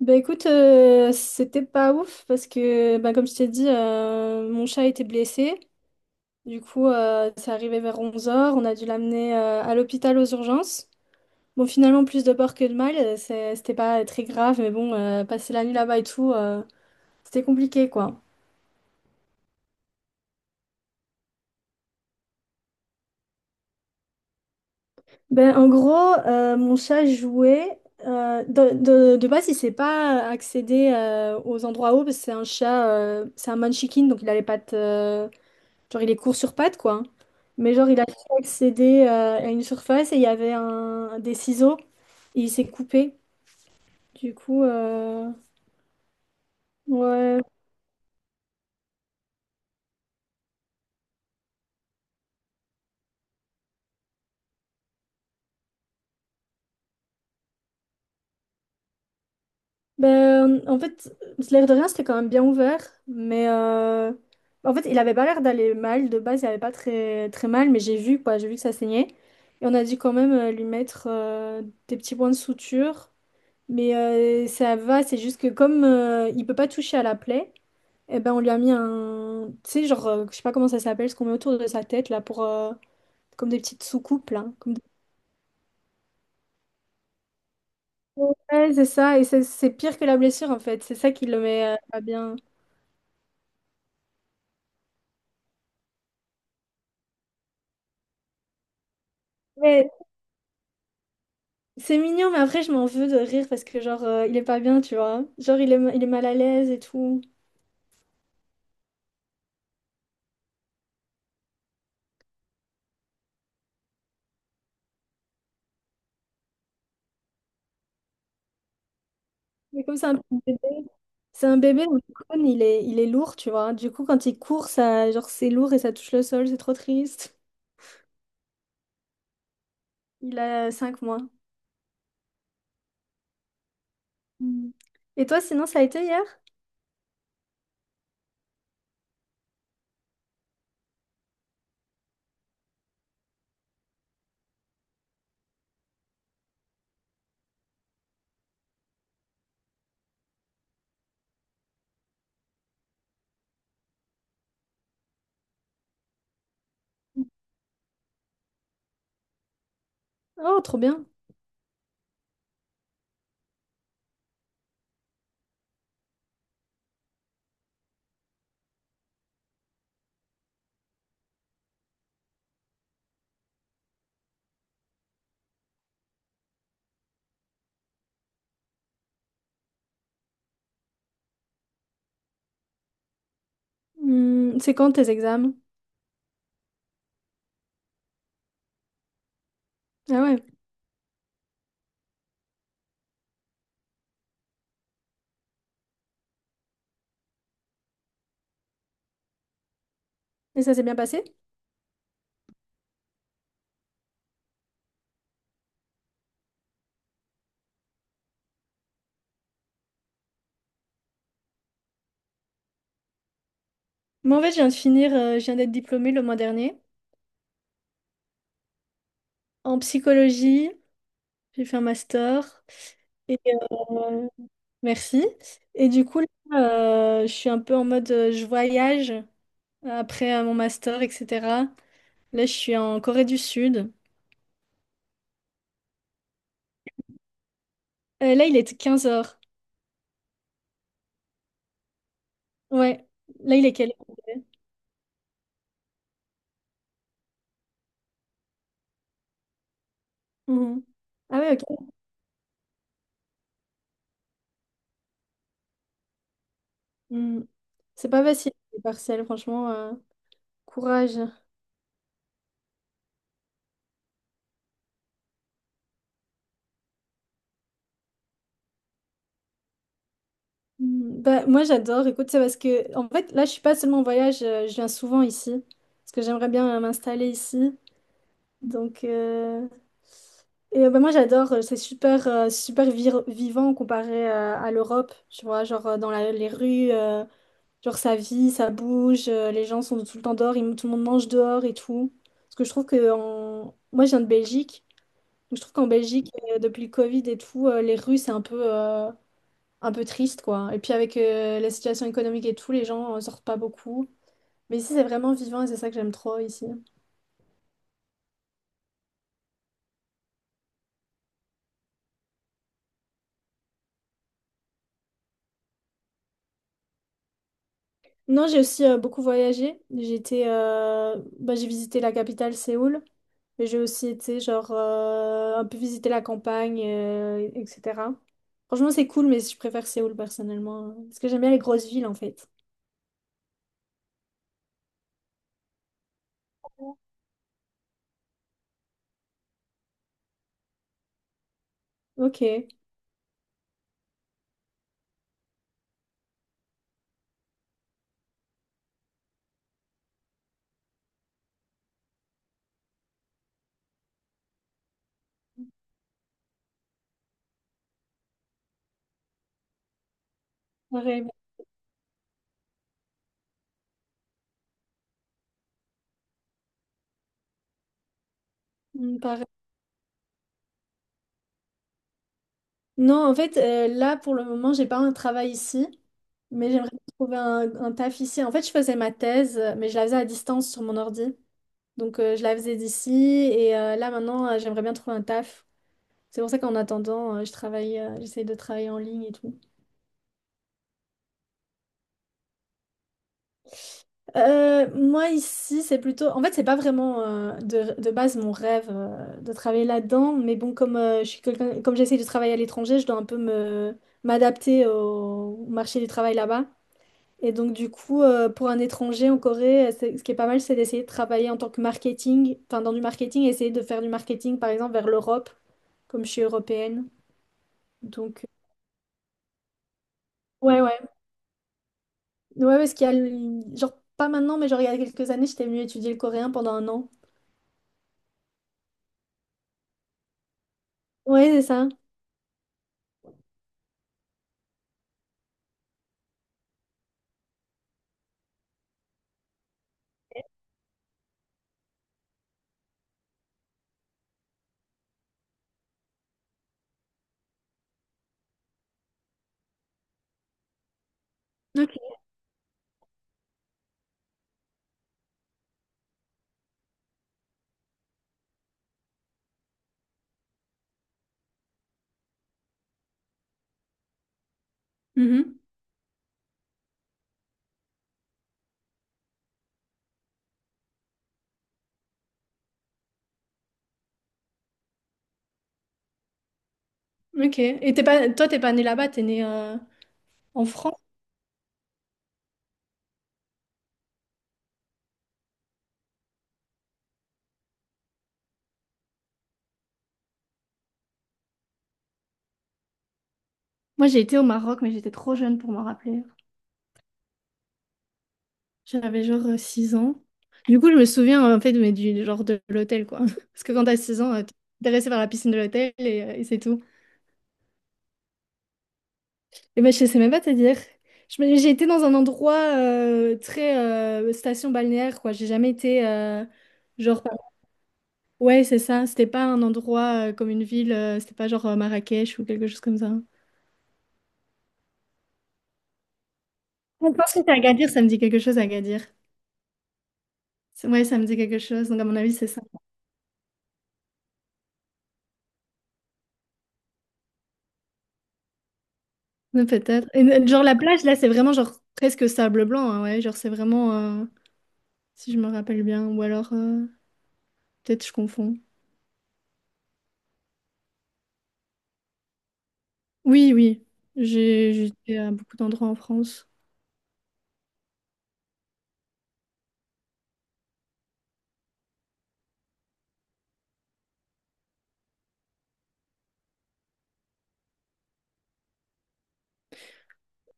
Bah écoute, c'était pas ouf parce que, bah, comme je t'ai dit, mon chat était blessé. Du coup, c'est arrivé vers 11h. On a dû l'amener à l'hôpital aux urgences. Bon, finalement, plus de peur que de mal, c'était pas très grave, mais bon, passer la nuit là-bas et tout, c'était compliqué quoi. Ben en gros, mon chat jouait. De de base, il sait pas accéder aux endroits hauts parce que c'est un chat, c'est un manchikin, donc il a les pattes. Genre, il est court sur pattes, quoi, hein. Mais genre, il a su accéder à une surface et il y avait des ciseaux et il s'est coupé. Du coup, ouais. Ben, en fait, l'air de rien, c'était quand même bien ouvert. Mais en fait, il avait pas l'air d'aller mal. De base, il avait pas très, très mal, mais j'ai vu, quoi. J'ai vu que ça saignait. Et on a dû quand même lui mettre des petits points de suture. Mais ça va, c'est juste que comme il peut pas toucher à la plaie. Eh ben, on lui a mis un. Tu sais, genre, je sais pas comment ça s'appelle, ce qu'on met autour de sa tête, là, pour. Comme des petites soucoupes, là. Ouais, c'est ça. Et c'est pire que la blessure, en fait. C'est ça qui le met pas bien. Ouais, c'est mignon, mais après, je m'en veux de rire parce que, genre, il est pas bien, tu vois. Genre, il est mal à l'aise et tout. Mais comme c'est un petit bébé, c'est un bébé, donc le cône, il est lourd, tu vois. Du coup, quand il court, ça, genre, c'est lourd et ça touche le sol, c'est trop triste. Il a 5 mois. Mm. Et toi, sinon, ça a été hier? Oh, trop bien. Hmm, c'est quand tes examens? Ah ouais. Et ça s'est bien passé? Moi, en fait, je viens de finir, je viens d'être diplômée le mois dernier. En psychologie, j'ai fait un master. Et euh, merci. Et du coup, là, je suis un peu en mode, je voyage après mon master, etc. Là, je suis en Corée du Sud. Là, il est 15h. Ouais. Là, il est quel? Mhm. Ah ouais, ok. Mhm. C'est pas facile, les partiels, franchement. Courage. Mhm. Bah, moi, j'adore. Écoute, c'est parce que, en fait, là, je suis pas seulement en voyage, je viens souvent ici. Parce que j'aimerais bien m'installer ici. Donc, bah, moi, j'adore. C'est super, vivant comparé à l'Europe. Tu vois, genre les rues, genre ça vit, ça bouge. Les gens sont tout le temps dehors, tout le monde mange dehors et tout. Parce que je trouve que moi, je viens de Belgique. Donc, je trouve qu'en Belgique, depuis le Covid et tout, les rues, c'est un peu triste, quoi. Et puis avec la situation économique et tout, les gens sortent pas beaucoup. Mais ici, c'est vraiment vivant et c'est ça que j'aime trop ici. Non, j'ai aussi beaucoup voyagé. J'étais, bah, j'ai visité la capitale, Séoul. Mais j'ai aussi été, genre, un peu visiter la campagne, etc. Franchement, c'est cool, mais je préfère Séoul personnellement, hein. Parce que j'aime bien les grosses villes, en fait. Ok. Pareil. Mm, pareil. Non, en fait, là, pour le moment, j'ai pas un travail ici, mais j'aimerais bien trouver un taf ici. En fait, je faisais ma thèse, mais je la faisais à distance sur mon ordi. Donc, je la faisais d'ici, et là, maintenant, j'aimerais bien trouver un taf. C'est pour ça qu'en attendant, je travaille, j'essaye de travailler en ligne et tout. Moi, ici, c'est plutôt... En fait, c'est pas vraiment de base mon rêve de travailler là-dedans, mais bon, comme, je suis quelqu'un, comme j'essaye de travailler à l'étranger, je dois un peu me m'adapter au marché du travail là-bas. Et donc, du coup, pour un étranger en Corée, ce qui est pas mal, c'est d'essayer de travailler en tant que marketing, enfin, dans du marketing, essayer de faire du marketing, par exemple, vers l'Europe, comme je suis européenne. Donc, ouais, ouais. Ouais, ouais, parce qu'il y a, genre, pas maintenant, mais genre, il y a quelques années, j'étais venue étudier le coréen pendant un an. Ouais, c'est ça. Ok. Mhm. Ok. Et t'es pas, toi, t'es pas née là-bas, t'es née en France? Moi, j'ai été au Maroc, mais j'étais trop jeune pour m'en rappeler. J'avais genre 6 ans. Du coup, je me souviens en fait mais du genre de l'hôtel quoi. Parce que quand t'as 6 ans, t'es intéressé par la piscine de l'hôtel et c'est tout. Et ben je sais même pas te dire. J'ai été dans un endroit très station balnéaire quoi. J'ai jamais été genre ouais, c'est ça, c'était pas un endroit comme une ville, c'était pas genre Marrakech ou quelque chose comme ça. Je pense que c'est Agadir, ça me dit quelque chose Agadir. Ouais, ça me dit quelque chose. Donc à mon avis, c'est ça. Ouais, peut-être. Et, genre la plage, là, c'est vraiment genre presque sable blanc, hein, ouais. Genre c'est vraiment, si je me rappelle bien, ou alors peut-être je confonds. Oui, oui. J'étais à beaucoup d'endroits en France.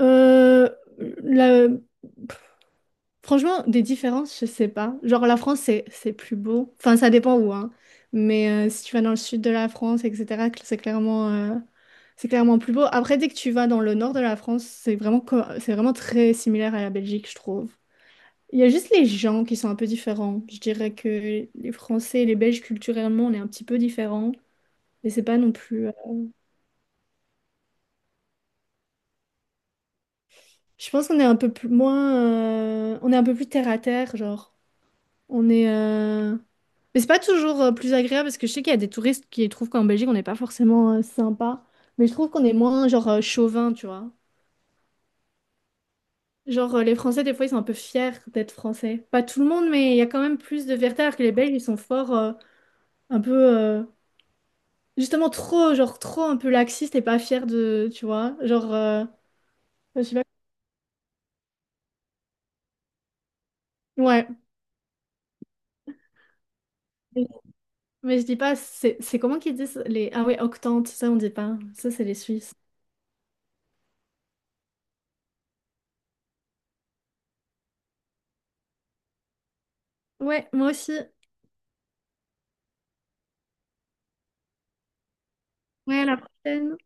Euh, la- Franchement, des différences, je sais pas. Genre la France, c'est plus beau. Enfin, ça dépend où, hein. Mais si tu vas dans le sud de la France, etc., c'est clairement plus beau. Après, dès que tu vas dans le nord de la France, c'est vraiment très similaire à la Belgique, je trouve. Il y a juste les gens qui sont un peu différents. Je dirais que les Français et les Belges, culturellement, on est un petit peu différents. Mais c'est pas non plus. Je pense qu'on est un peu plus moins. On est un peu plus terre à terre, genre. On est. Mais c'est pas toujours plus agréable parce que je sais qu'il y a des touristes qui trouvent qu'en Belgique, on n'est pas forcément sympa. Mais je trouve qu'on est moins, genre, chauvin, tu vois. Genre, les Français, des fois, ils sont un peu fiers d'être Français. Pas tout le monde, mais il y a quand même plus de fierté alors que les Belges, ils sont forts, un peu. Justement, trop, genre, trop un peu laxiste et pas fière de, tu vois, genre, je sais pas. Ouais. Mais je dis pas, c'est comment qu'ils disent les... Ah ouais, octante, ça on dit pas. Ça, c'est les Suisses. Ouais, moi aussi. Ouais, à la prochaine.